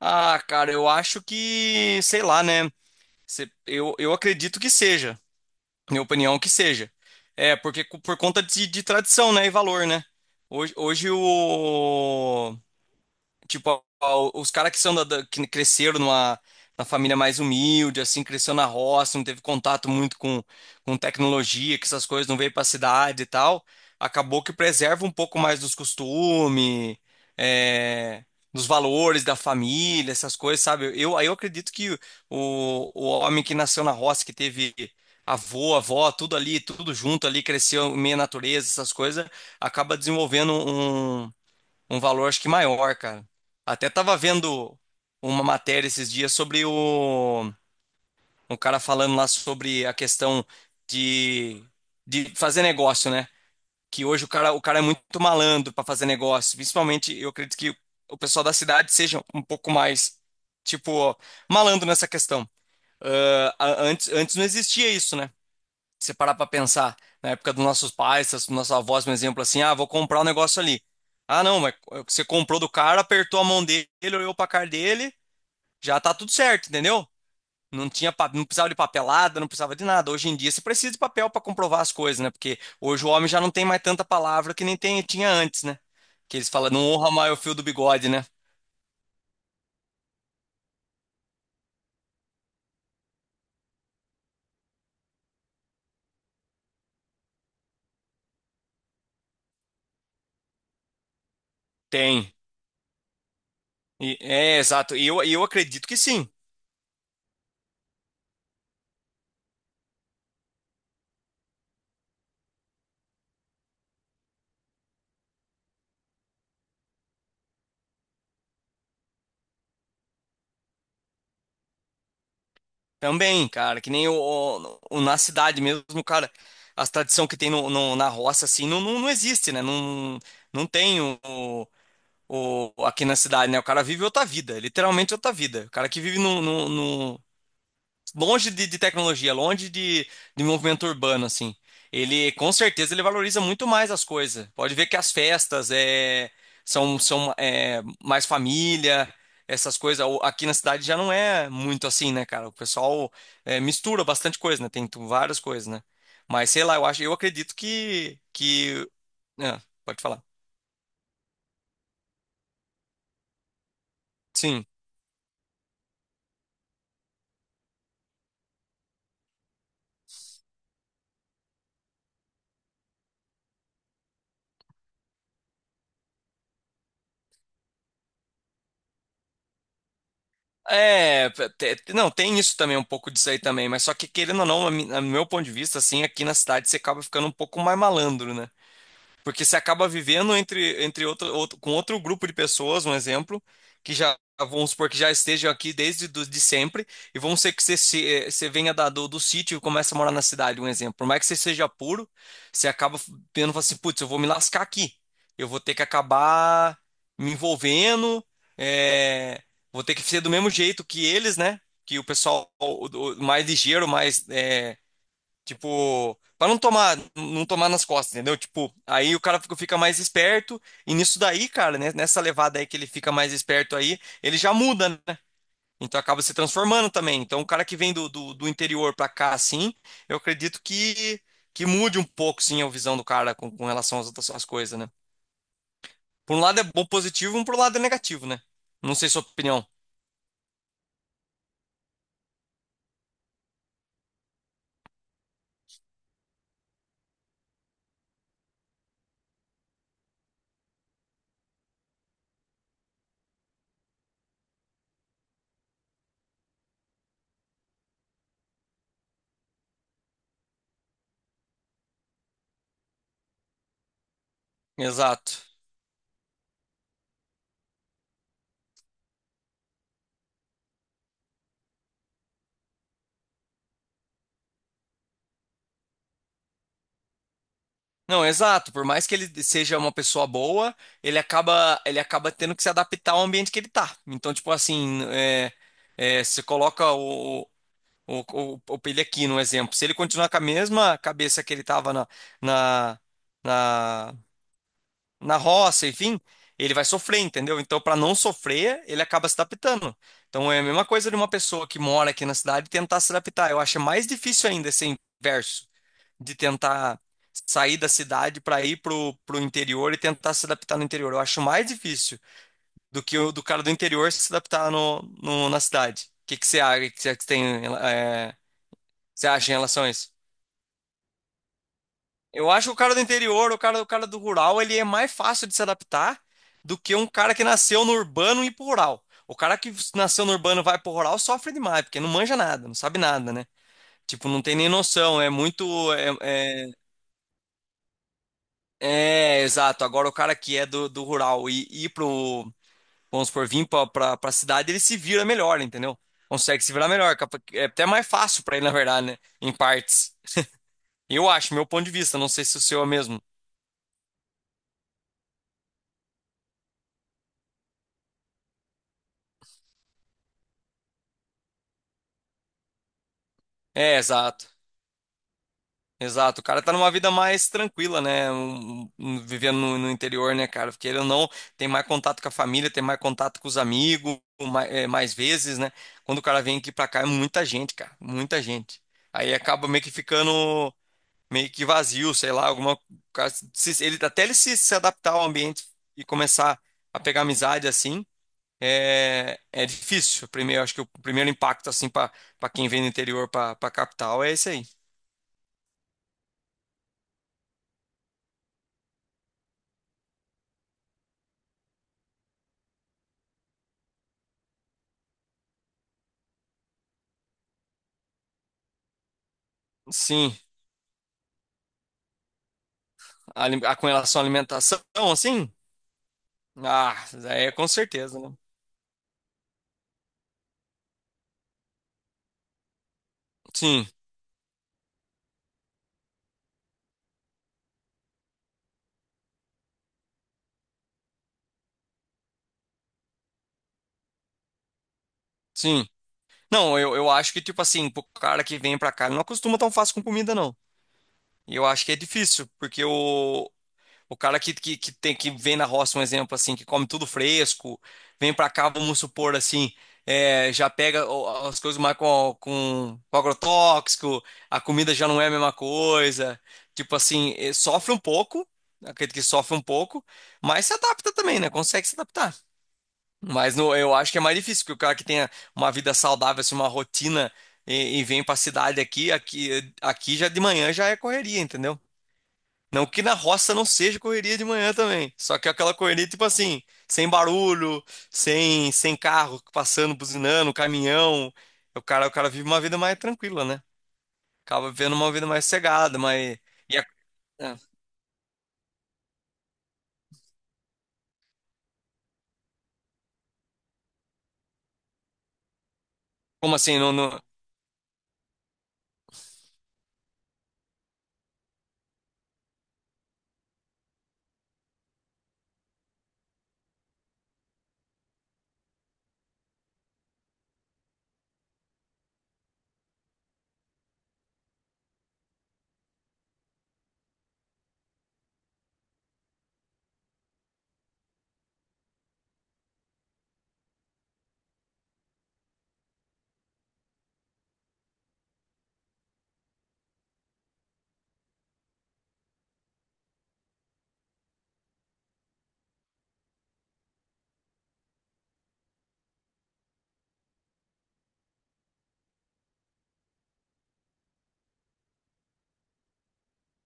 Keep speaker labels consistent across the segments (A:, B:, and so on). A: Ah, cara, eu acho que, sei lá, né? Eu acredito que seja. Minha opinião que seja. É, porque por conta de tradição, né? E valor, né? Hoje, tipo, os caras que são que cresceram na família mais humilde, assim, cresceu na roça, não teve contato muito com tecnologia, que essas coisas não veio pra cidade e tal, acabou que preserva um pouco mais dos costumes, é, dos valores da família, essas coisas, sabe? Eu acredito que o homem que nasceu na roça, que teve avô, avó, tudo ali, tudo junto ali, cresceu meio natureza, essas coisas, acaba desenvolvendo um valor acho que maior, cara. Até tava vendo uma matéria esses dias sobre o um cara falando lá sobre a questão de, de fazer negócio, né? Que hoje o cara é muito malandro para fazer negócio. Principalmente, eu acredito que o pessoal da cidade seja um pouco mais, tipo, malandro nessa questão. Antes não existia isso, né? Se você parar para pensar, na época dos nossos pais, dos nossos avós, um exemplo assim, ah, vou comprar um negócio ali. Ah, não, mas você comprou do cara, apertou a mão dele, olhou pra cara dele, já tá tudo certo, entendeu? Não precisava de papelada, não precisava de nada. Hoje em dia você precisa de papel para comprovar as coisas, né? Porque hoje o homem já não tem mais tanta palavra que nem tinha antes, né? Que eles falam, não honra mais o fio do bigode, né? Tem. É, exato. E eu acredito que sim. Também, cara, que nem na cidade mesmo, cara, as tradição que tem na roça, assim, não, não, não existe, né? Não, não tem aqui na cidade, né? O cara vive outra vida, literalmente outra vida. O cara que vive no, longe de tecnologia, longe de movimento urbano, assim. Ele, com certeza, ele valoriza muito mais as coisas. Pode ver que as festas são mais família, essas coisas. Aqui na cidade já não é muito assim, né, cara? O pessoal mistura bastante coisa, né? Tem várias coisas, né? Mas sei lá, eu acho, eu acredito que... Ah, pode falar. Sim. Não, tem isso também, um pouco disso aí também, mas só que querendo ou não, no meu ponto de vista, assim, aqui na cidade você acaba ficando um pouco mais malandro, né? Porque você acaba vivendo entre com outro grupo de pessoas, um exemplo, que já, vamos supor, que já estejam aqui desde de sempre, e vamos ser que você, se- eh, você venha do sítio e comece a morar na cidade, um exemplo. Por mais que você seja puro, você acaba tendo, fala assim, putz, eu vou me lascar aqui. Eu vou ter que acabar me envolvendo, eh, vou ter que ser do mesmo jeito que eles, né? Que o pessoal mais ligeiro, mais tipo, pra não tomar nas costas, entendeu? Tipo, aí o cara fica mais esperto, e nisso daí, cara, né, nessa levada aí que ele fica mais esperto aí, ele já muda, né? Então acaba se transformando também. Então o cara que vem do interior pra cá, assim, eu acredito que mude um pouco, sim, a visão do cara com relação às coisas, né? Por um lado é bom positivo, por um lado é negativo, né? Não sei sua opinião. Exato. Não, exato. Por mais que ele seja uma pessoa boa, ele acaba tendo que se adaptar ao ambiente que ele tá. Então, tipo assim, você coloca o, o Pelé aqui no exemplo. Se ele continuar com a mesma cabeça que ele tava na, na, na roça, enfim, ele vai sofrer, entendeu? Então, para não sofrer, ele acaba se adaptando. Então, é a mesma coisa de uma pessoa que mora aqui na cidade tentar se adaptar. Eu acho mais difícil ainda esse inverso de tentar sair da cidade para ir pro interior e tentar se adaptar no interior. Eu acho mais difícil do que o do cara do interior se adaptar na cidade. O que que você acha, que você tem, você acha em relação a isso? Eu acho que o cara do interior, o cara do rural, ele é mais fácil de se adaptar do que um cara que nasceu no urbano e ir pro rural. O cara que nasceu no urbano e vai pro rural sofre demais, porque não manja nada, não sabe nada, né? Tipo, não tem nem noção, é muito, é, é É, exato. Agora o cara que é do rural e ir vamos supor, vir pra cidade, ele se vira melhor, entendeu? Consegue se virar melhor. É até mais fácil pra ele, na verdade, né? Em partes. Eu acho, meu ponto de vista, não sei se o seu é mesmo. É, exato. Exato. O cara tá numa vida mais tranquila, né? Vivendo no interior, né, cara? Porque ele ou não tem mais contato com a família, tem mais contato com os amigos, mais vezes, né? Quando o cara vem aqui pra cá, é muita gente, cara. Muita gente. Aí acaba meio que ficando. Meio que vazio, sei lá, alguma ele até ele se adaptar ao ambiente e começar a pegar amizade assim, é difícil. Primeiro, acho que o primeiro impacto assim para quem vem do interior para capital é esse aí. Sim, com relação à alimentação, assim, ah, é com certeza, né? Sim, sim. Não, eu acho que, tipo assim, pro cara que vem pra cá, ele não acostuma tão fácil com comida, não. E eu acho que é difícil, porque o cara que tem que vem na roça, um exemplo assim, que come tudo fresco, vem pra cá, vamos supor assim, já pega as coisas mais com agrotóxico, a comida já não é a mesma coisa. Tipo assim, sofre um pouco, acredito que sofre um pouco, mas se adapta também, né? Consegue se adaptar. Mas eu acho que é mais difícil, porque o cara que tenha uma vida saudável, assim, uma rotina e vem pra cidade aqui, já de manhã já é correria, entendeu? Não que na roça não seja correria de manhã também. Só que é aquela correria, tipo assim, sem barulho, sem carro passando, buzinando, caminhão. O cara vive uma vida mais tranquila, né? Acaba vivendo uma vida mais cegada, mais. E a- é, Como assim? Não, não...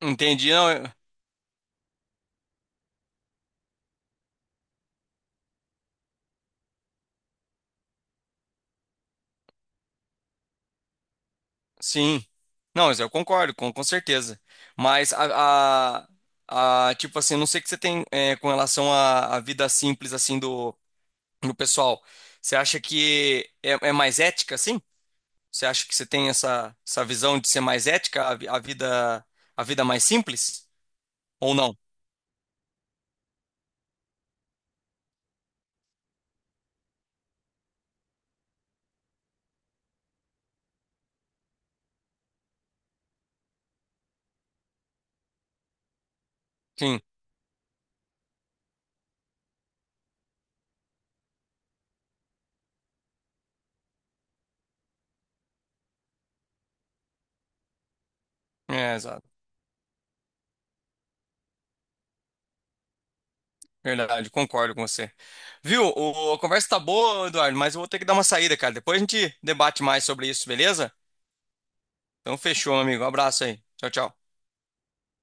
A: Entendi, não. Sim. Não, mas eu concordo, com certeza. Mas tipo assim, não sei o que você tem com relação à vida simples assim do pessoal. Você acha que é mais ética, assim? Você acha que você tem essa visão de ser mais ética, a vida mais simples? Ou não? Sim, é, exato. Verdade, concordo com você. Viu? A conversa tá boa, Eduardo, mas eu vou ter que dar uma saída, cara. Depois a gente debate mais sobre isso, beleza? Então fechou, meu amigo. Um abraço aí. Tchau, tchau.